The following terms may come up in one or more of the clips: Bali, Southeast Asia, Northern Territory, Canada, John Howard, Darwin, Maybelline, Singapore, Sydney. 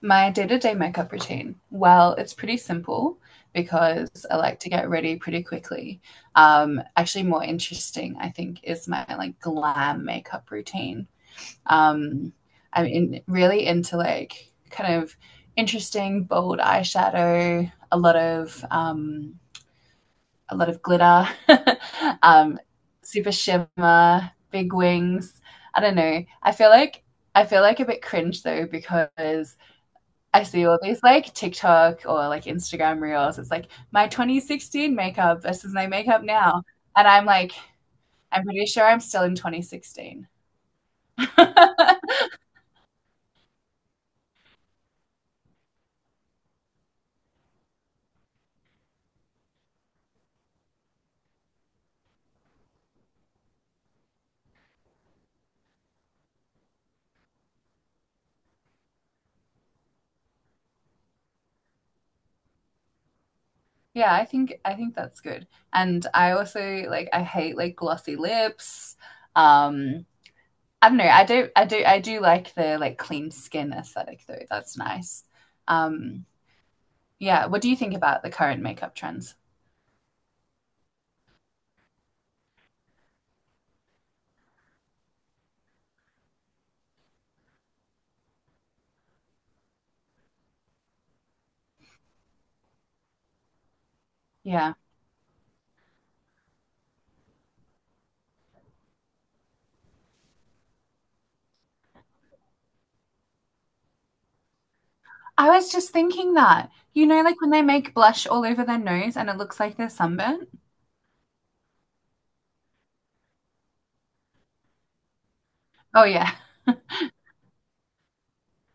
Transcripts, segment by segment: My day to day makeup routine. Well, it's pretty simple because I like to get ready pretty quickly. Actually, more interesting, I think, is my like glam makeup routine. Um, I'm really into like kind of interesting bold eyeshadow, a lot of a lot of glitter, um, super shimmer, big wings. I don't know. I feel like a bit cringe though because I see all these like TikTok or like Instagram reels. It's like my 2016 makeup versus my makeup now. And I'm like, I'm pretty sure I'm still in 2016. Yeah, I think that's good. And I also like I hate like glossy lips. Um I don't know. I do like the like clean skin aesthetic though. That's nice. Um yeah, what do you think about the current makeup trends? Yeah. I was just thinking that. You know, like when they make blush all over their nose and it looks like they're sunburnt? Oh, yeah.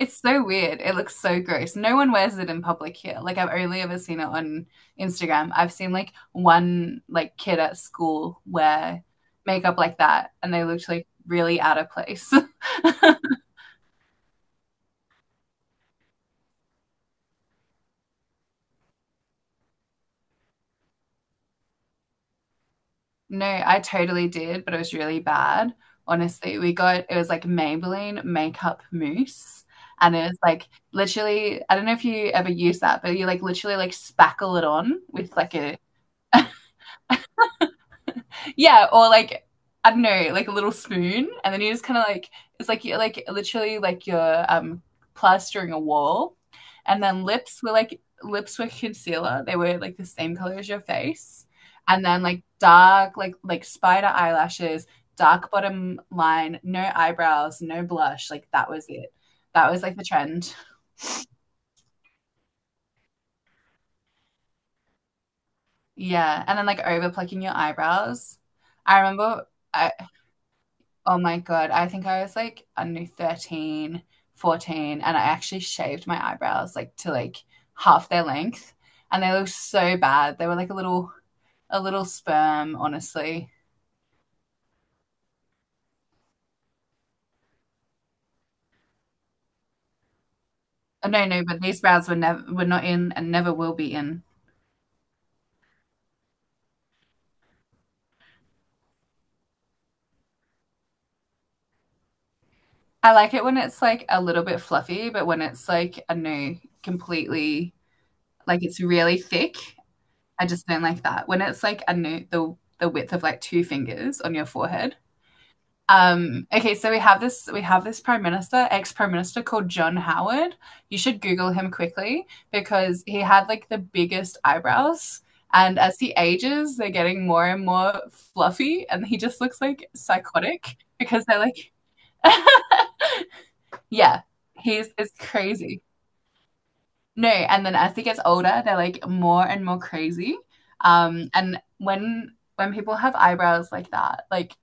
It's so weird. It looks so gross. No one wears it in public here. Like I've only ever seen it on Instagram. I've seen like one like kid at school wear makeup like that and they looked like really out of place. No, I totally did, but it was really bad. Honestly, we got it was like Maybelline makeup mousse, and it was like literally, I don't know if you ever use that, but you like literally like spackle it on with like a yeah, or like I don't know, like a little spoon, and then you just kind of like it's like you're like literally like you're plastering a wall, and then lips were like lips were concealer. They were like the same color as your face, and then like dark like spider eyelashes, dark bottom line, no eyebrows, no blush. Like that was it. That was like the trend. Yeah, and then like over plucking your eyebrows. I remember I Oh my God. I think I was like, I don't know, 13, 14, and I actually shaved my eyebrows like to like half their length. And they looked so bad. They were like a little sperm, honestly. Oh, no, no, but these brows were never were not in and never will be in. I like it when it's like a little bit fluffy, but when it's like I don't know, completely like it's really thick, I just don't like that. When it's like I don't know, the width of like two fingers on your forehead. Okay, so we have this prime minister, ex prime minister called John Howard. You should Google him quickly because he had like the biggest eyebrows, and as he ages, they're getting more and more fluffy, and he just looks like psychotic because they're like, yeah, he's it's crazy. No, and then as he gets older, they're like more and more crazy. And when people have eyebrows like that, like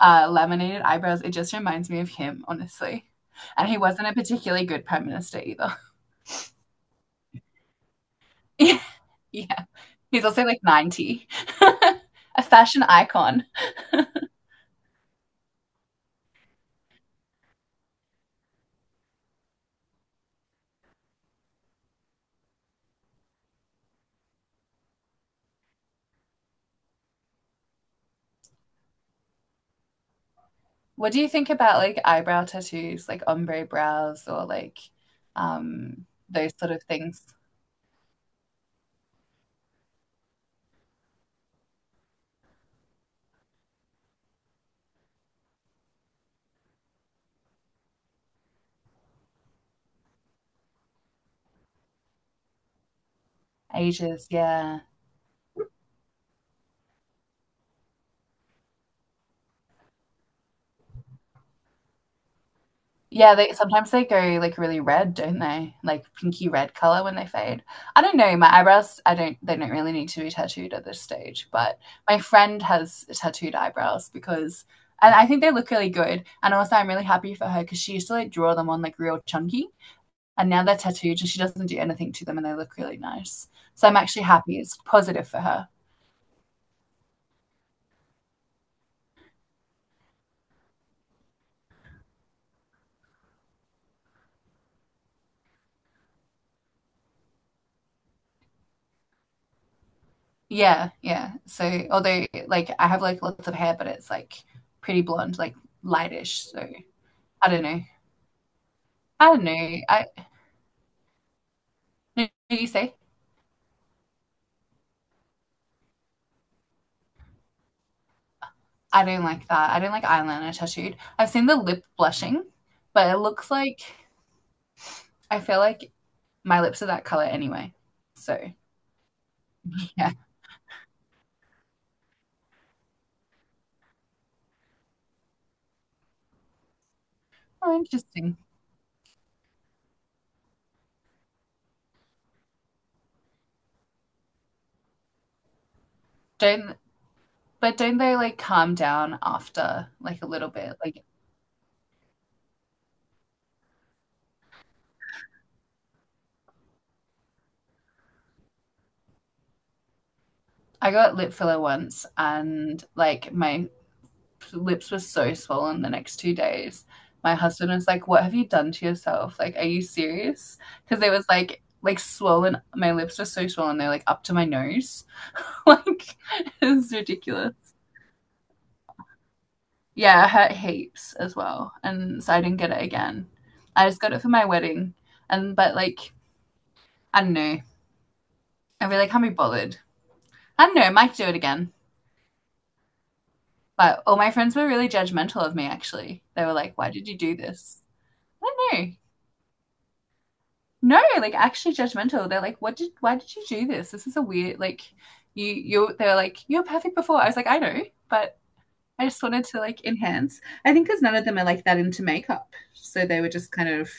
laminated eyebrows. It just reminds me of him, honestly. And he wasn't a particularly good prime minister either. Yeah. Yeah. He's also like 90. A fashion icon. What do you think about like eyebrow tattoos, like ombre brows or like those sort of things? Ages, yeah. Yeah, they sometimes they go like really red, don't they? Like pinky red color when they fade. I don't know. My eyebrows, I don't. They don't really need to be tattooed at this stage. But my friend has tattooed eyebrows because, and I think they look really good. And also, I'm really happy for her because she used to like draw them on like real chunky, and now they're tattooed, and she doesn't do anything to them, and they look really nice. So I'm actually happy. It's positive for her. Yeah, yeah. So although like I have like lots of hair, but it's like pretty blonde, like lightish. So I don't know. I don't know. I No, no, you say. I don't like that. I don't like eyeliner tattooed. I've seen the lip blushing, but it looks like I feel like my lips are that color anyway. So yeah, oh, interesting. Don't But don't they like calm down after like a little bit? Like I got lip filler once, and like my lips were so swollen the next 2 days. My husband was like, "What have you done to yourself? Like, are you serious?" Because it was like swollen. My lips were so swollen; they're like up to my nose. Like, it was ridiculous. Yeah, it hurt heaps as well, and so I didn't get it again. I just got it for my wedding, and but like I don't know, I really can't be bothered. I don't know, I might do it again. But all my friends were really judgmental of me. Actually, they were like, "Why did you do this?" I don't know. No, like actually judgmental. They're like, what did, why did you do this? This is a weird, like, you, they're like, you're perfect before. I was like, I know, but I just wanted to like enhance. I think because none of them are like that into makeup. So they were just kind of,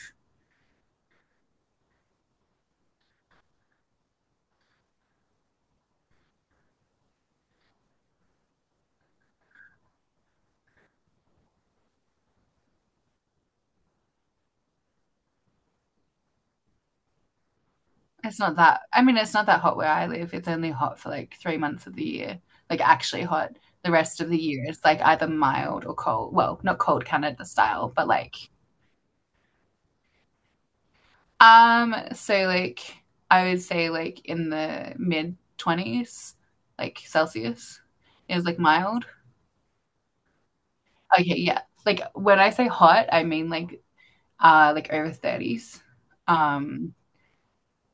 it's not that, I mean, it's not that hot where I live. It's only hot for like 3 months of the year, like actually hot. The rest of the year, it's like either mild or cold. Well, not cold Canada style, but like. So like I would say like in the mid twenties, like Celsius is like mild. Okay, yeah. Like when I say hot, I mean like over thirties. Um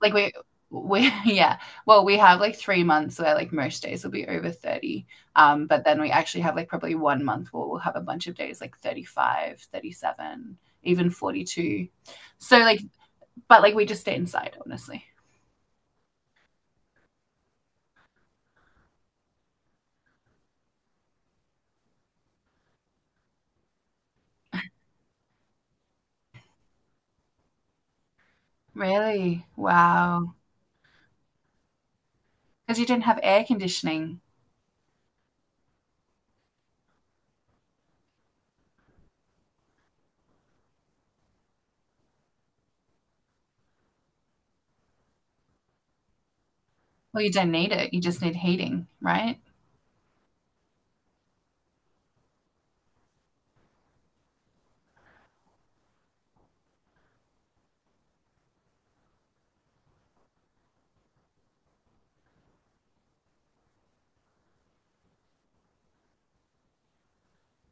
like we yeah. Well we have like 3 months where like most days will be over 30. But then we actually have like probably one month where we'll have a bunch of days like 35, 37, even 42. So like but like we just stay inside honestly. Really? Wow. Because you didn't have air conditioning. Well, you don't need it. You just need heating, right?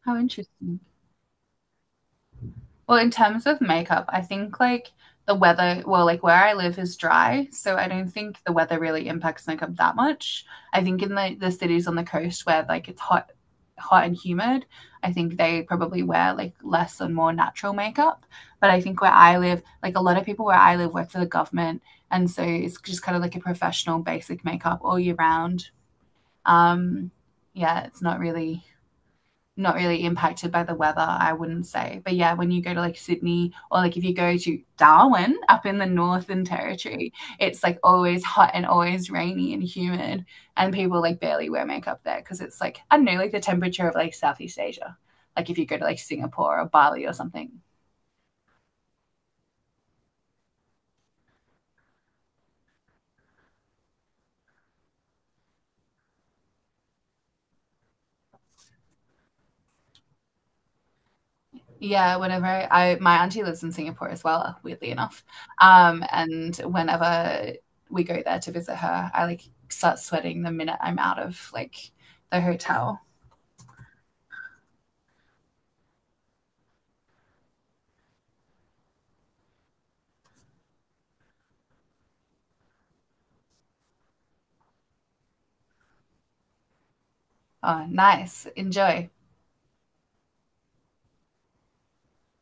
How interesting. Well, in terms of makeup, I think like the weather, well, like where I live is dry, so I don't think the weather really impacts makeup that much. I think in the cities on the coast where like it's hot, hot and humid, I think they probably wear like less and more natural makeup. But I think where I live, like a lot of people where I live work for the government, and so it's just kind of like a professional basic makeup all year round. Um, yeah, it's not really impacted by the weather, I wouldn't say. But yeah, when you go to like Sydney or like if you go to Darwin up in the Northern Territory, it's like always hot and always rainy and humid. And people like barely wear makeup there because it's like, I don't know, like the temperature of like Southeast Asia. Like if you go to like Singapore or Bali or something. Yeah, my auntie lives in Singapore as well, weirdly enough. And whenever we go there to visit her, I like start sweating the minute I'm out of like the hotel. Oh, nice. Enjoy.